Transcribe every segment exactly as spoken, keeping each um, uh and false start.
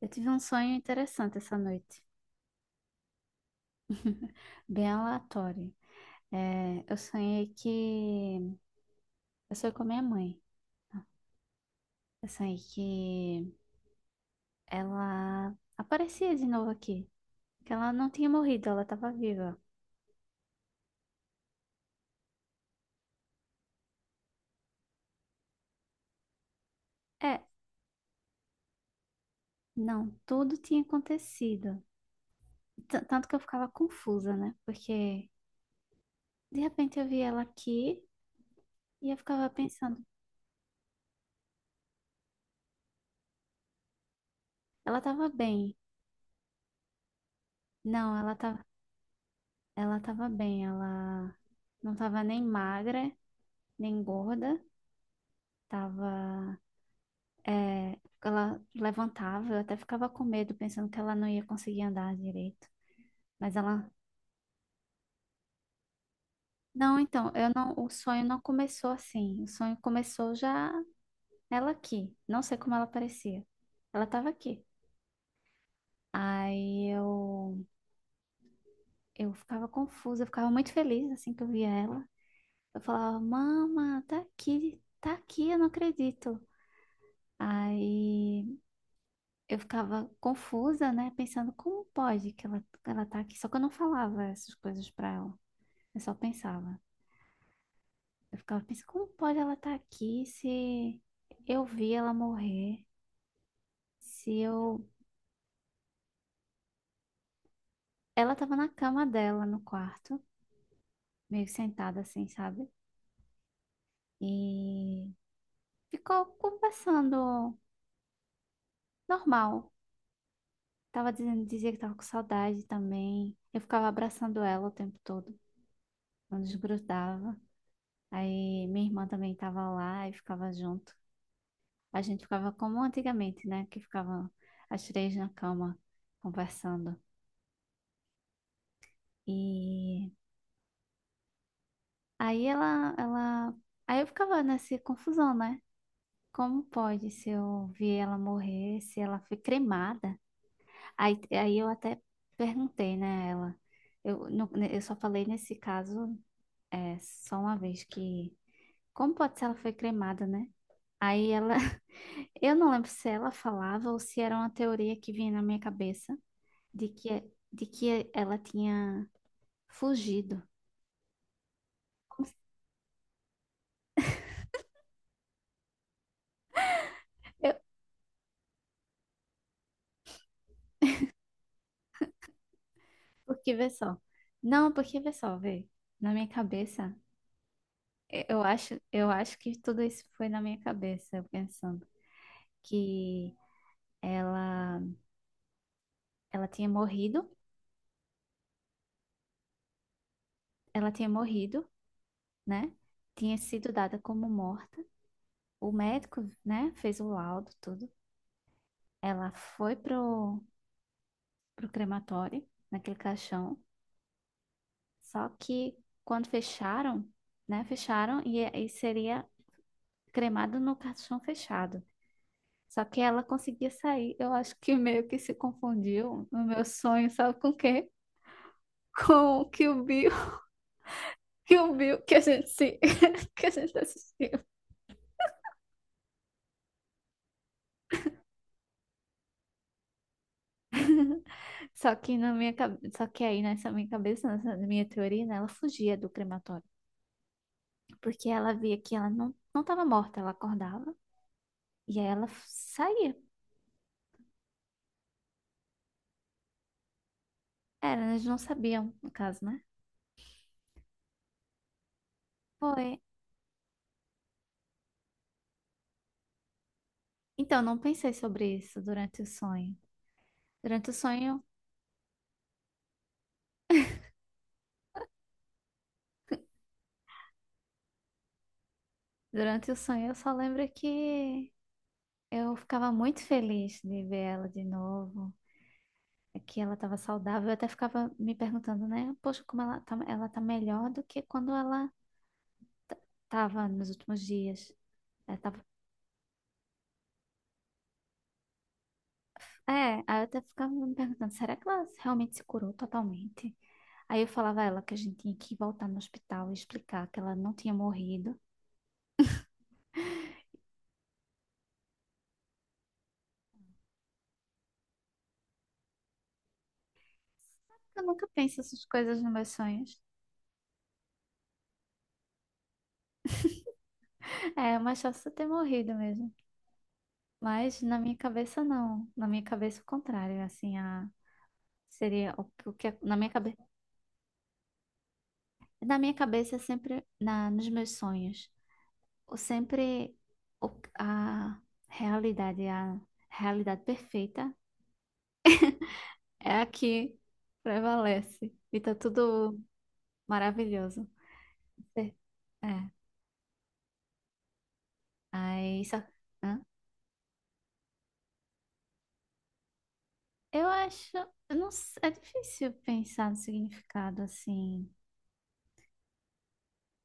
Eu tive um sonho interessante essa noite, bem aleatório. É, eu sonhei que. Eu sonhei com a minha mãe. Eu sonhei que ela aparecia de novo aqui. Que ela não tinha morrido, ela estava viva. É, não, tudo tinha acontecido. T- tanto que eu ficava confusa, né? Porque de repente eu vi ela aqui e eu ficava pensando, ela estava bem. Não, ela tá, ela estava bem, ela não estava nem magra, nem gorda. Tava, é, ela levantava, eu até ficava com medo, pensando que ela não ia conseguir andar direito. Mas ela, não, então, eu não, o sonho não começou assim. O sonho começou já ela aqui. Não sei como ela parecia. Ela estava aqui. Aí eu, eu ficava confusa, eu ficava muito feliz assim que eu via ela. Eu falava, mama, tá aqui, tá aqui, eu não acredito. Aí eu ficava confusa, né? Pensando como pode que ela, que ela tá aqui. Só que eu não falava essas coisas pra ela. Eu só pensava. Eu ficava pensando, como pode ela estar aqui se eu vi ela morrer? Se eu. Ela tava na cama dela, no quarto, meio sentada assim, sabe? E ficou conversando normal. Tava dizendo, dizia que tava com saudade também. Eu ficava abraçando ela o tempo todo. Não desgrudava. Aí minha irmã também tava lá e ficava junto. A gente ficava como antigamente, né? Que ficavam as três na cama conversando. E aí ela, ela, aí eu ficava nessa confusão, né? Como pode se eu vi ela morrer, se ela foi cremada? Aí, aí eu até perguntei, né, a ela. Eu, não- né, eu só falei nesse caso é, só uma vez que como pode ser ela foi cremada, né? Aí ela, eu não lembro se ela falava ou se era uma teoria que vinha na minha cabeça de que, de que ela tinha fugido. Como se- Eu, porque vê só. Não, porque vê só, vê. Na minha cabeça, eu eu acho, eu acho que tudo isso foi na minha cabeça, eu pensando que ela, ela tinha morrido, ela tinha morrido, né? Tinha sido dada como morta. O médico, né, fez o laudo, tudo. Ela foi pro, pro crematório, naquele caixão. Só que quando fecharam, né? Fecharam e, e seria cremada no caixão fechado. Só que ela conseguia sair. Eu acho que meio que se confundiu no meu sonho, sabe com o quê? Com o Kill Bill, Kill Bill que a gente se, que a gente assistiu. Só que na minha cabeça, só que aí nessa minha cabeça, nessa minha teoria, né, ela fugia do crematório, porque ela via que ela não não estava morta, ela acordava e aí ela saía. Era, eles não sabiam, no caso, né? Foi. Então, não pensei sobre isso durante o sonho. Durante o sonho, Durante o sonho, eu só lembro que eu ficava muito feliz de ver ela de novo, é que ela estava saudável. Eu até ficava me perguntando, né? Poxa, como ela tá, ela tá melhor do que quando ela t- tava nos últimos dias. Ela tava... É, aí eu até ficava me perguntando, será que ela realmente se curou totalmente? Aí eu falava a ela que a gente tinha que voltar no hospital e explicar que ela não tinha morrido. Eu nunca penso essas coisas nos meus sonhos. É, mas só se eu ter morrido mesmo. Mas na minha cabeça não. Na minha cabeça o contrário, assim, a seria o que o que- é, na minha cabeça, na minha cabeça é sempre na nos meus sonhos, o sempre o- a realidade, a realidade perfeita é a que prevalece e tá tudo maravilhoso. É. É. Aí só, hã? Eu acho, eu não, s- é difícil pensar no significado assim.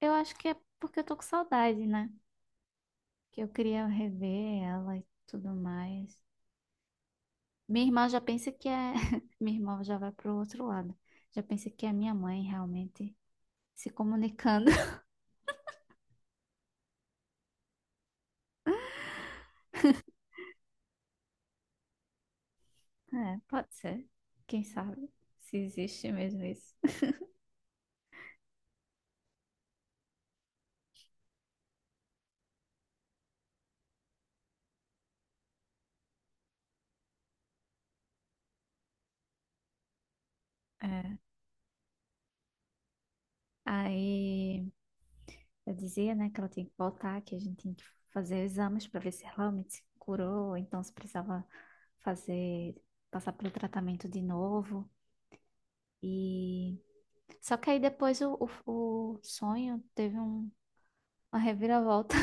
Eu acho que é porque eu tô com saudade, né? Que eu queria rever ela e tudo mais. Minha irmã já pensa que é. Minha irmã já vai pro outro lado. Já pensa que é minha mãe realmente se comunicando. É, pode ser. Quem sabe se existe mesmo isso. É. Aí eu dizia, né, que ela tinha que voltar, que a gente tinha que fazer exames para ver se realmente se curou, ou então se precisava fazer, passar pelo tratamento de novo. E só que aí depois o, o, o sonho teve um uma reviravolta,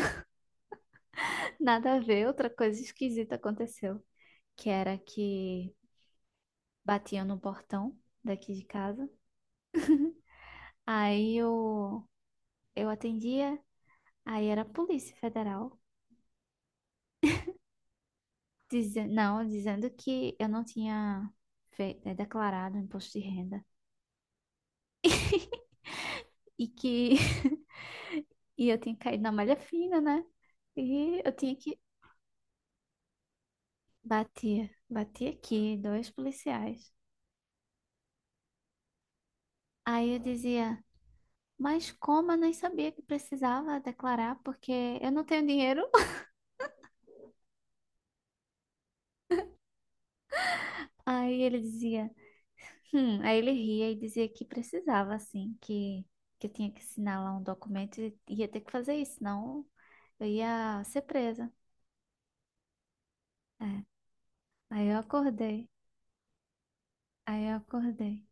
nada a ver, outra coisa esquisita aconteceu, que era que batiam no portão daqui de casa. Aí eu, eu atendia, aí era a Polícia Federal, dize- não, dizendo que eu não tinha fe- eh, declarado imposto de renda e que e eu tinha caído na malha fina, né? E eu tinha que batia, batia aqui, dois policiais. Aí eu dizia mas como eu nem sabia que precisava declarar, porque eu não tenho dinheiro. Aí ele dizia, hum, aí ele ria e dizia que precisava, assim, que, que eu tinha que assinar lá um documento e ia ter que fazer isso, senão eu ia ser presa. É. Aí eu acordei, aí eu acordei.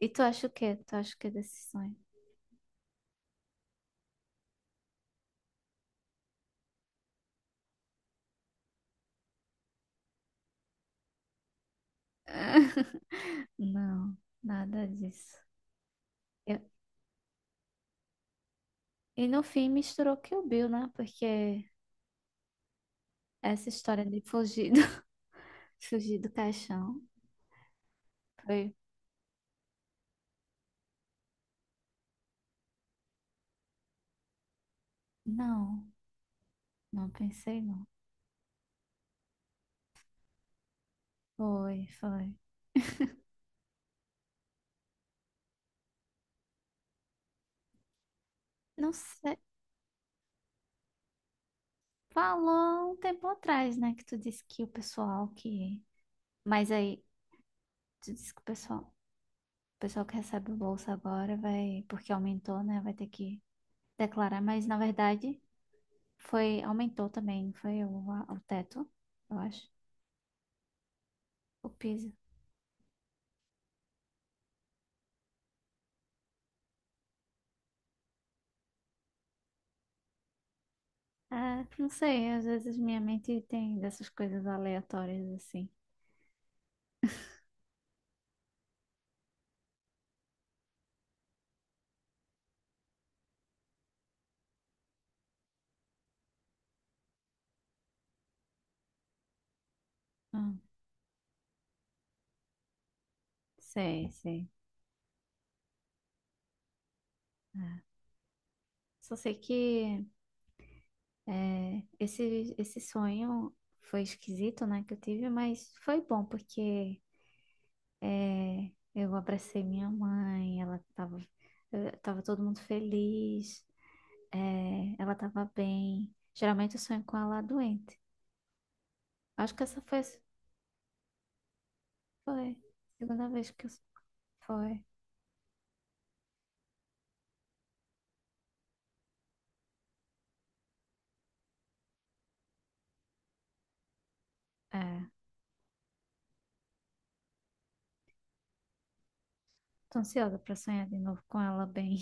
E tu acha o quê? Tu acha o quê desse sonho? Não, nada disso. Eu- E no fim misturou Kill Bill, né? Porque essa história de fugir do, fugir do caixão foi. Não, não pensei não. Foi, foi. Não sei. Falou um tempo atrás, né? Que tu disse que o pessoal que. Mas aí, tu disse que o pessoal, o pessoal que recebe o bolsa agora vai. Porque aumentou, né? Vai ter que declarar. Mas na verdade, foi. Aumentou também, não foi o, a- o teto, eu acho. O piso. Ah, não sei. Às vezes minha mente tem dessas coisas aleatórias assim. Hum, sei, sei. É. Só sei que. É, esse, esse sonho foi esquisito, né, que eu tive, mas foi bom, porque é, eu abracei minha mãe, ela tava, eu- tava todo mundo feliz, é, ela tava bem. Geralmente eu sonho com ela doente. Acho que essa foi, foi a segunda vez que eu, foi. É, tô ansiosa pra sonhar de novo com ela bem.